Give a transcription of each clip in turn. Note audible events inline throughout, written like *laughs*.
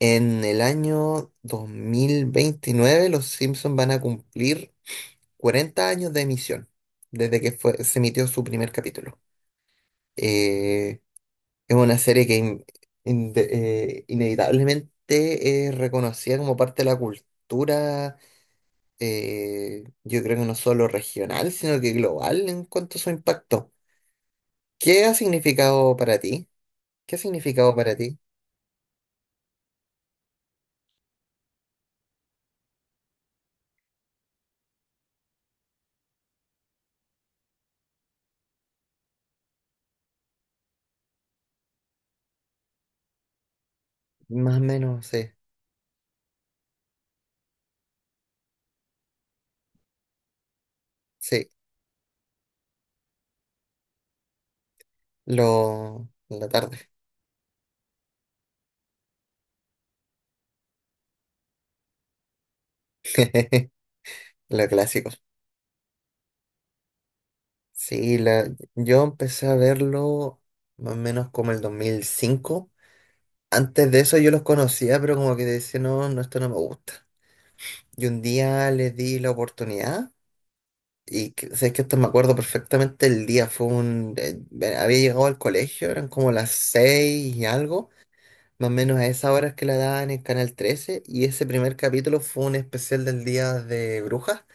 En el año 2029 los Simpsons van a cumplir 40 años de emisión, desde que se emitió su primer capítulo. Eh, es una serie que in- de- inevitablemente es reconocida como parte de la cultura. Yo creo que no solo regional, sino que global en cuanto a su impacto. ¿Qué ha significado para ti? ¿Qué ha significado para ti? Más o menos, sí, sí, lo, la tarde. *laughs* Los clásicos. Sí, yo empecé a verlo más o menos como el 2005. Antes de eso yo los conocía, pero como que decía, no, no, esto no me gusta. Y un día les di la oportunidad y sé que esto, me acuerdo perfectamente el día. Fue un... había llegado al colegio, eran como las seis y algo, más o menos a esas horas que la daban en Canal 13. Y ese primer capítulo fue un especial del Día de Brujas,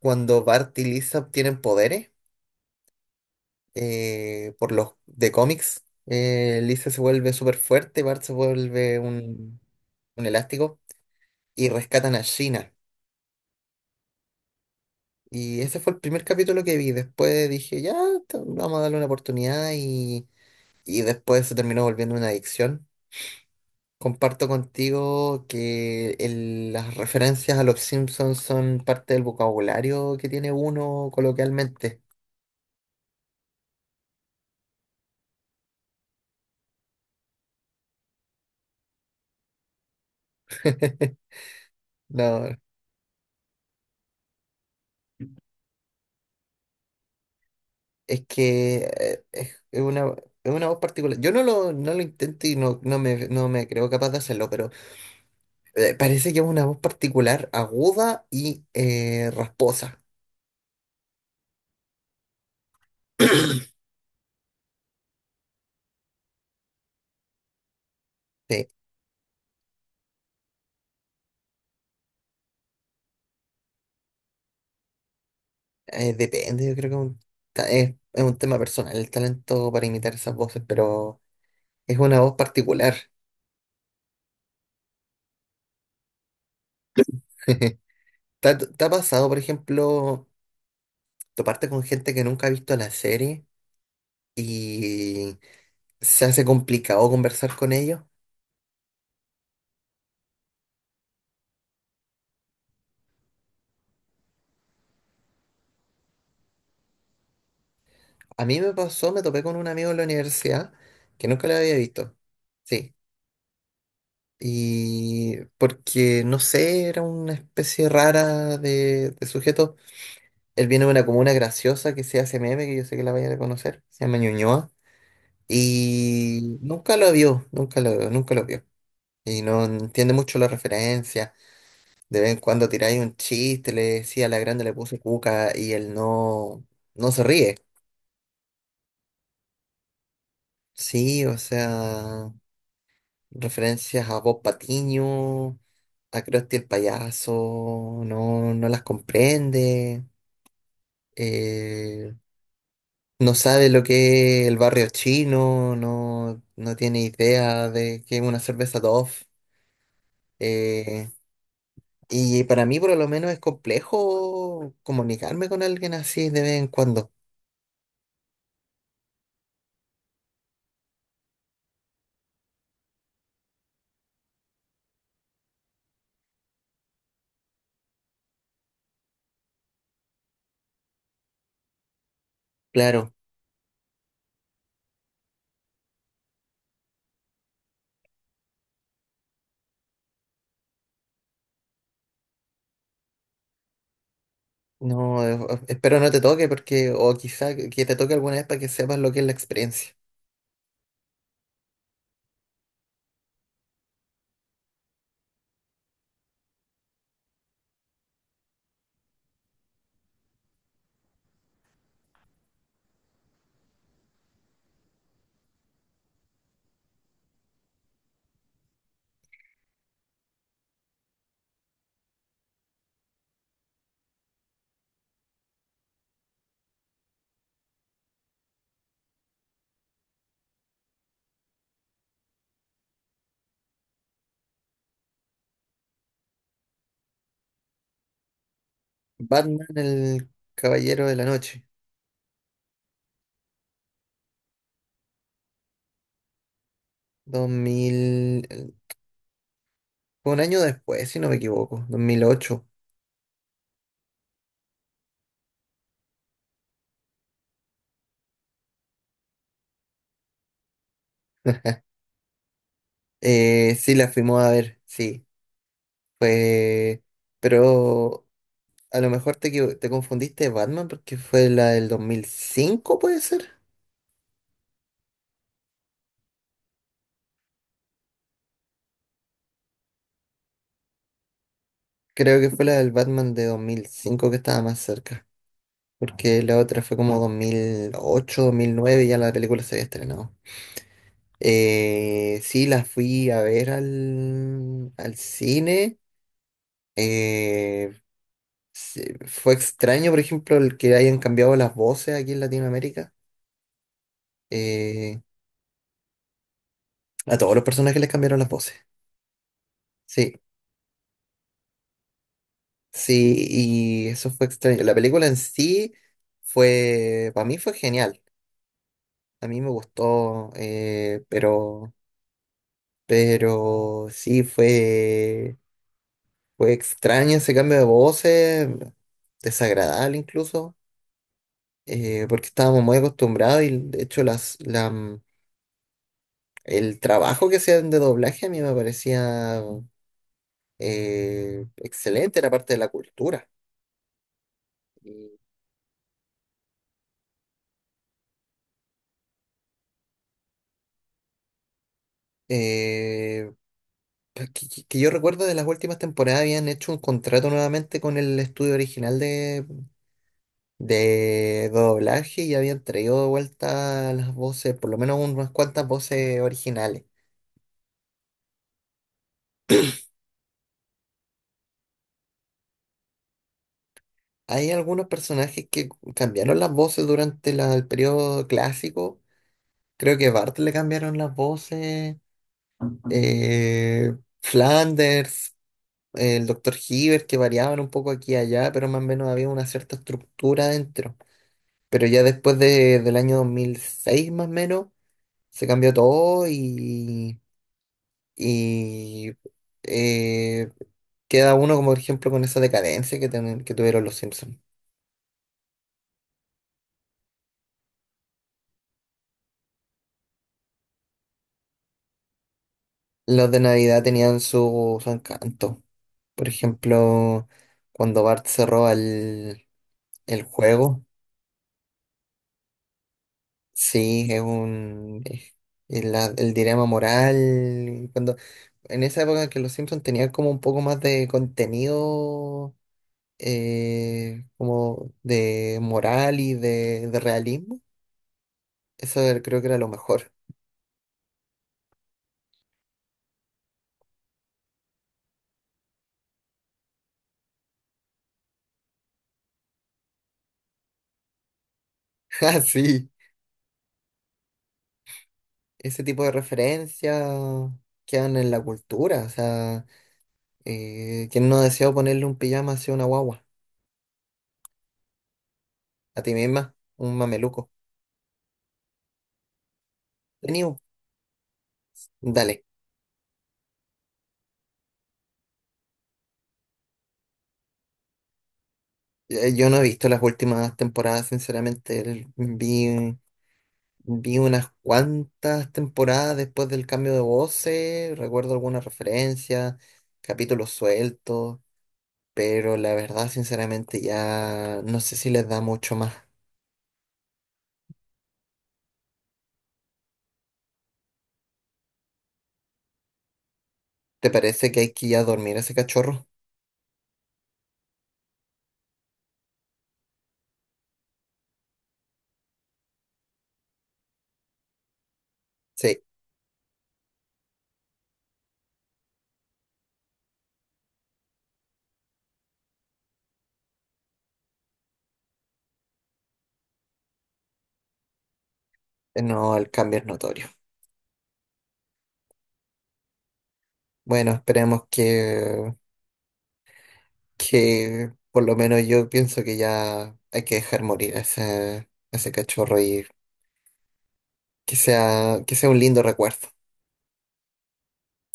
cuando Bart y Lisa obtienen poderes. Por los de cómics. Lisa se vuelve súper fuerte, Bart se vuelve un elástico y rescatan a Gina. Y ese fue el primer capítulo que vi. Después dije, ya, vamos a darle una oportunidad y después se terminó volviendo una adicción. Comparto contigo que las referencias a los Simpsons son parte del vocabulario que tiene uno coloquialmente. *laughs* No. Es que es una voz particular. Yo no lo intento y no me creo capaz de hacerlo, pero parece que es una voz particular, aguda y rasposa. *clears throat* Sí, depende, yo creo que un es un tema personal el talento para imitar esas voces, pero es una voz particular. *laughs* ¿Te te ha pasado, por ejemplo, toparte con gente que nunca ha visto la serie y se hace complicado conversar con ellos? A mí me pasó, me topé con un amigo en la universidad que nunca lo había visto. Sí. Y porque, no sé, era una especie rara de sujeto. Él viene de una comuna graciosa que se hace meme, que yo sé que la vayan a conocer. Se llama Ñuñoa. Y nunca lo vio, nunca lo vio. Y no entiende mucho la referencia. De vez en cuando tiráis un chiste, le decía a la grande le puse cuca y él no se ríe. Sí, o sea. Referencias a Bob Patiño, a Krusty el payaso, no, no las comprende, eh, no sabe lo que es el barrio chino, no, no tiene idea de qué es una cerveza Dove. eh, y para mí por lo menos es complejo comunicarme con alguien así de vez en cuando. Claro, no, espero no te toque porque, o quizá que te toque alguna vez para que sepas lo que es la experiencia. Batman, el caballero de la noche. Dos mil Fue un año después, si no me equivoco, 2008. Sí, la fuimos a ver, sí, fue, pero a lo mejor te confundiste de Batman porque fue la del 2005, puede ser. Creo que fue la del Batman de 2005 que estaba más cerca, porque la otra fue como 2008, 2009 y ya la película se había estrenado. Sí, la fui a ver al cine. Eh, Sí, fue extraño, por ejemplo, el que hayan cambiado las voces aquí en Latinoamérica. Eh, a todos los personajes les cambiaron las voces. Sí, sí, y eso fue extraño. La película en sí fue, para mí fue genial. A mí me gustó, pero sí fue, fue extraño ese cambio de voces, desagradable incluso, porque estábamos muy acostumbrados y de hecho el trabajo que hacían de doblaje a mí me parecía excelente, era parte de la cultura. Y, eh, que yo recuerdo de las últimas temporadas habían hecho un contrato nuevamente con el estudio original de doblaje y habían traído de vuelta las voces, por lo menos unas cuantas voces originales. Hay algunos personajes que cambiaron las voces durante el periodo clásico. Creo que Bart le cambiaron las voces. eh, Flanders, el doctor Hibbert, que variaban un poco aquí y allá, pero más o menos había una cierta estructura dentro. Pero ya después del año 2006 más o menos, se cambió todo y eh, queda uno, como por ejemplo, con esa decadencia que, que tuvieron los Simpsons. Los de Navidad tenían su, su encanto. Por ejemplo, cuando Bart se roba el juego. Sí, es un es el dilema moral. Cuando, en esa época que los Simpsons tenían como un poco más de contenido, como de moral y de realismo, creo que era lo mejor. *laughs* Ah, sí, ese tipo de referencias quedan en la cultura. O sea, ¿quién no deseó ponerle un pijama así a una guagua? A ti misma, un mameluco. Vení, dale. Yo no he visto las últimas temporadas, sinceramente. Vi, vi unas cuantas temporadas después del cambio de voces, recuerdo algunas referencias, capítulos sueltos, pero la verdad, sinceramente, ya no sé si les da mucho más. ¿Te parece que hay que ir a dormir a ese cachorro? Sí, no, el cambio es notorio. Bueno, esperemos que por lo menos yo pienso que ya hay que dejar morir a ese cachorro y que sea un lindo recuerdo.